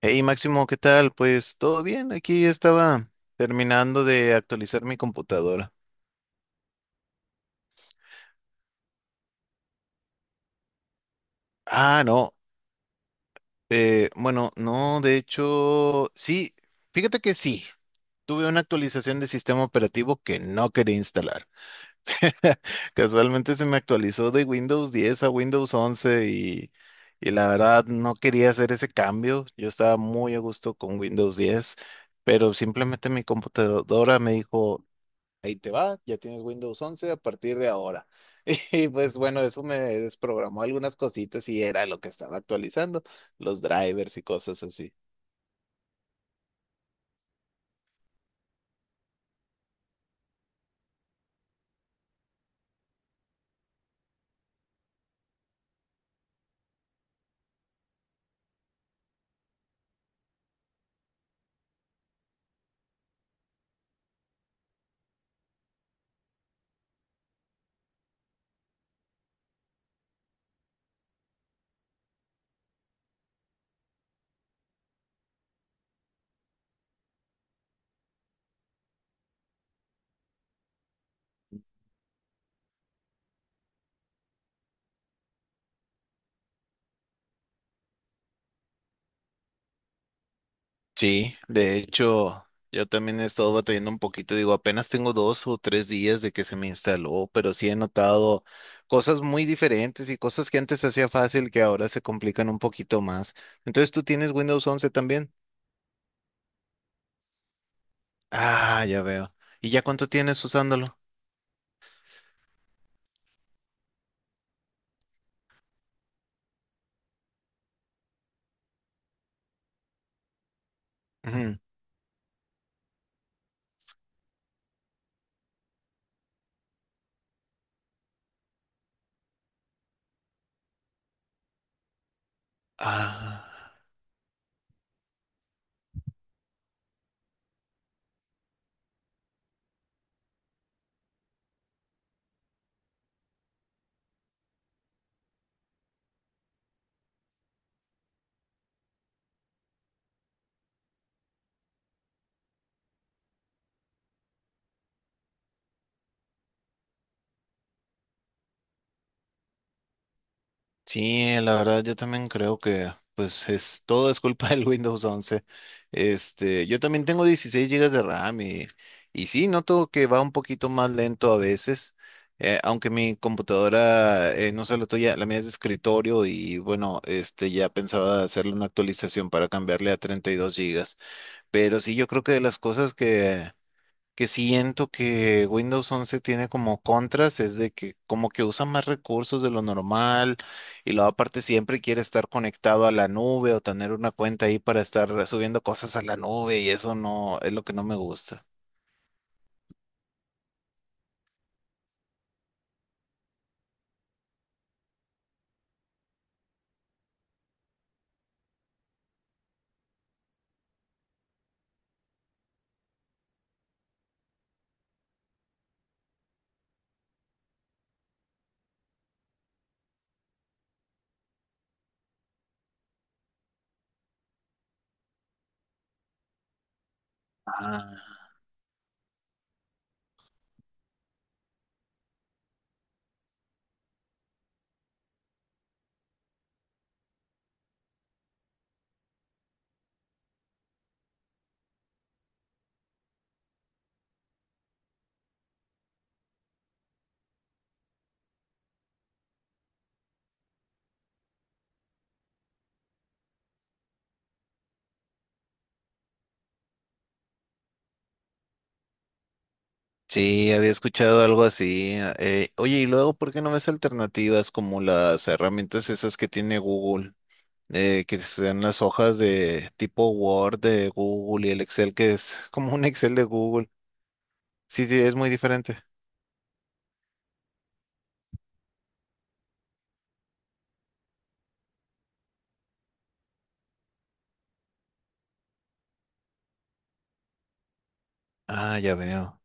Hey Máximo, ¿qué tal? Pues todo bien, aquí estaba terminando de actualizar mi computadora. Ah, no, bueno, no, de hecho, sí, fíjate que sí, tuve una actualización de sistema operativo que no quería instalar. Casualmente se me actualizó de Windows 10 a Windows 11 y la verdad no quería hacer ese cambio. Yo estaba muy a gusto con Windows 10, pero simplemente mi computadora me dijo, ahí te va, ya tienes Windows once a partir de ahora. Y pues bueno, eso me desprogramó algunas cositas y era lo que estaba actualizando, los drivers y cosas así. Sí, de hecho, yo también he estado batallando un poquito, digo, apenas tengo 2 o 3 días de que se me instaló, pero sí he notado cosas muy diferentes y cosas que antes hacía fácil que ahora se complican un poquito más. Entonces, ¿tú tienes Windows once también? Ah, ya veo. ¿Y ya cuánto tienes usándolo? Ujú. Ah. Sí, la verdad yo también creo que pues es todo es culpa del Windows once. Este, yo también tengo 16 gigas de RAM y sí, noto que va un poquito más lento a veces, aunque mi computadora, no sé, la tuya, la mía es de escritorio y bueno, este ya pensaba hacerle una actualización para cambiarle a 32 gigas. Pero sí, yo creo que de las cosas que siento que Windows 11 tiene como contras es de que como que usa más recursos de lo normal y luego aparte siempre quiere estar conectado a la nube o tener una cuenta ahí para estar subiendo cosas a la nube y eso no es lo que no me gusta. Ah, sí, había escuchado algo así. Oye, y luego, ¿por qué no ves alternativas como las herramientas esas que tiene Google? Que sean las hojas de tipo Word de Google y el Excel que es como un Excel de Google. Sí, sí, es muy diferente. Ah, ya veo.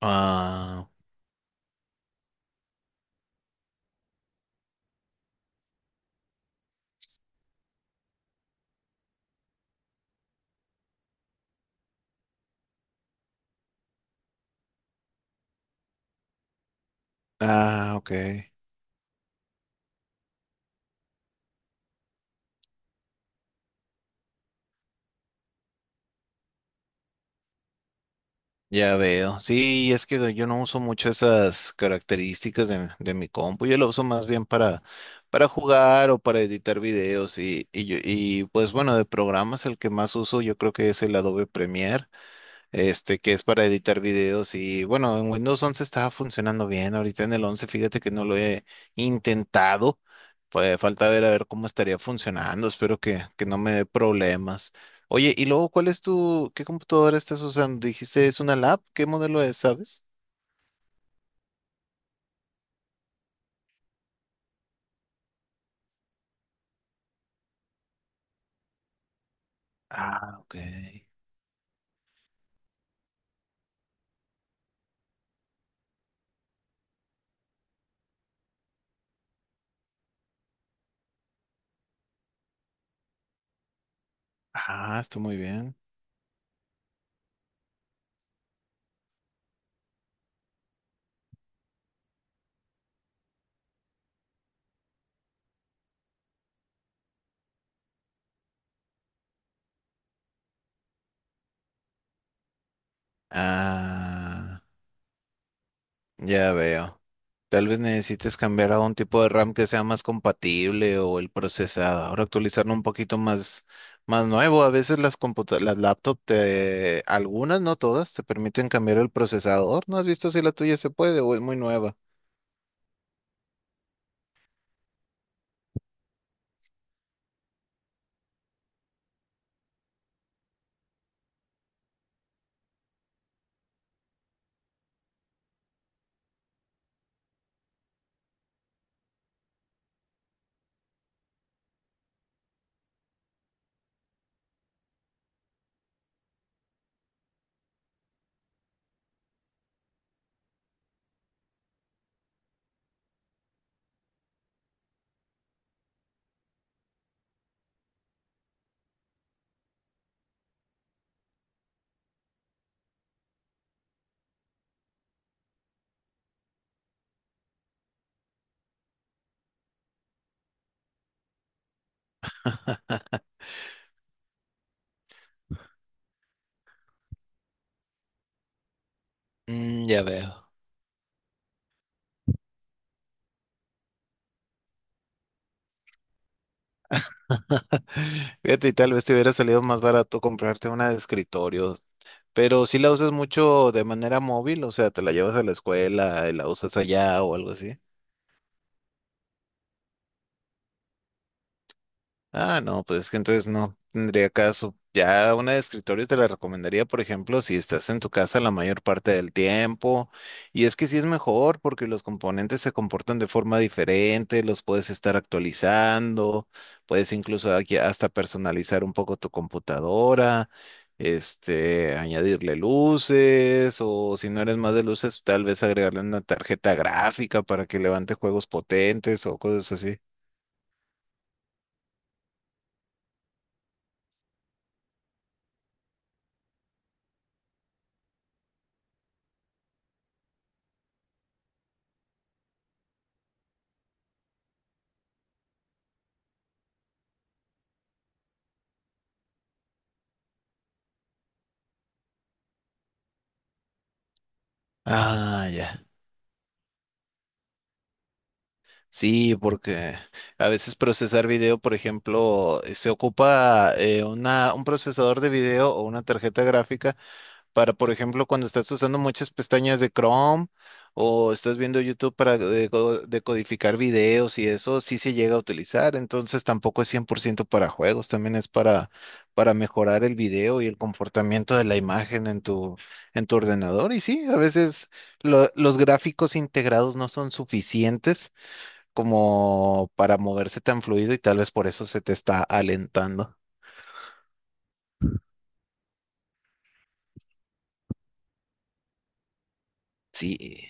Ah, ah, ok. Ya veo. Sí, es que yo no uso mucho esas características de mi compu. Yo lo uso más bien para jugar o para editar videos. Y pues bueno, de programas el que más uso yo creo que es el Adobe Premiere. Este, que es para editar videos y bueno, en Windows 11 estaba funcionando bien, ahorita en el 11 fíjate que no lo he intentado, pues falta ver a ver cómo estaría funcionando, espero que no me dé problemas. Oye, y luego, ¿cuál es tu, qué computadora estás usando? Dijiste, es una lab, ¿qué modelo es, sabes? Ah, ok. Ah, está muy bien. Ah, ya veo. Tal vez necesites cambiar a un tipo de RAM que sea más compatible o el procesador, actualizarlo un poquito más, más nuevo. A veces las laptops algunas, no todas, te permiten cambiar el procesador. ¿No has visto si la tuya se puede o es muy nueva? Mm, ya veo. Fíjate, y tal vez te hubiera salido más barato comprarte una de escritorio, pero si la usas mucho de manera móvil, o sea, te la llevas a la escuela y la usas allá o algo así. Ah, no, pues es que entonces no tendría caso. Ya una de escritorio te la recomendaría, por ejemplo, si estás en tu casa la mayor parte del tiempo. Y es que sí es mejor porque los componentes se comportan de forma diferente, los puedes estar actualizando, puedes incluso aquí hasta personalizar un poco tu computadora, este, añadirle luces o si no eres más de luces, tal vez agregarle una tarjeta gráfica para que levante juegos potentes o cosas así. Ah, ya. Sí, porque a veces procesar video, por ejemplo, se ocupa un procesador de video o una tarjeta gráfica para, por ejemplo, cuando estás usando muchas pestañas de Chrome o estás viendo YouTube para decodificar videos y eso sí se llega a utilizar. Entonces tampoco es 100% para juegos, también es para mejorar el video y el comportamiento de la imagen en tu ordenador. Y sí, a veces los gráficos integrados no son suficientes como para moverse tan fluido y tal vez por eso se te está alentando. Sí.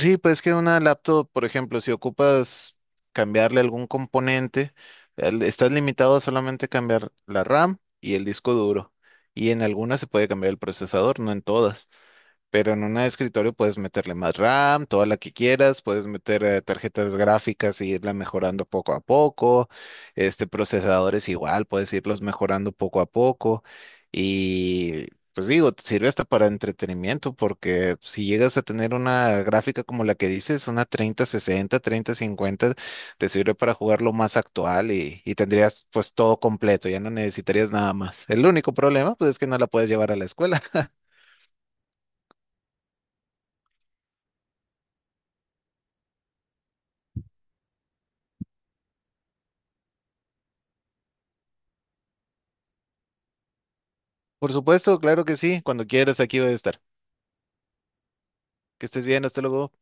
Sí, pues que una laptop, por ejemplo, si ocupas cambiarle algún componente, estás limitado a solamente cambiar la RAM y el disco duro. Y en algunas se puede cambiar el procesador, no en todas. Pero en un escritorio puedes meterle más RAM, toda la que quieras, puedes meter tarjetas gráficas y irla mejorando poco a poco, este procesadores igual, puedes irlos mejorando poco a poco y pues digo, te sirve hasta para entretenimiento porque si llegas a tener una gráfica como la que dices, una 3060, 3050, te sirve para jugar lo más actual y tendrías pues todo completo, ya no necesitarías nada más. El único problema pues es que no la puedes llevar a la escuela. Por supuesto, claro que sí. Cuando quieras, aquí voy a estar. Que estés bien, hasta luego.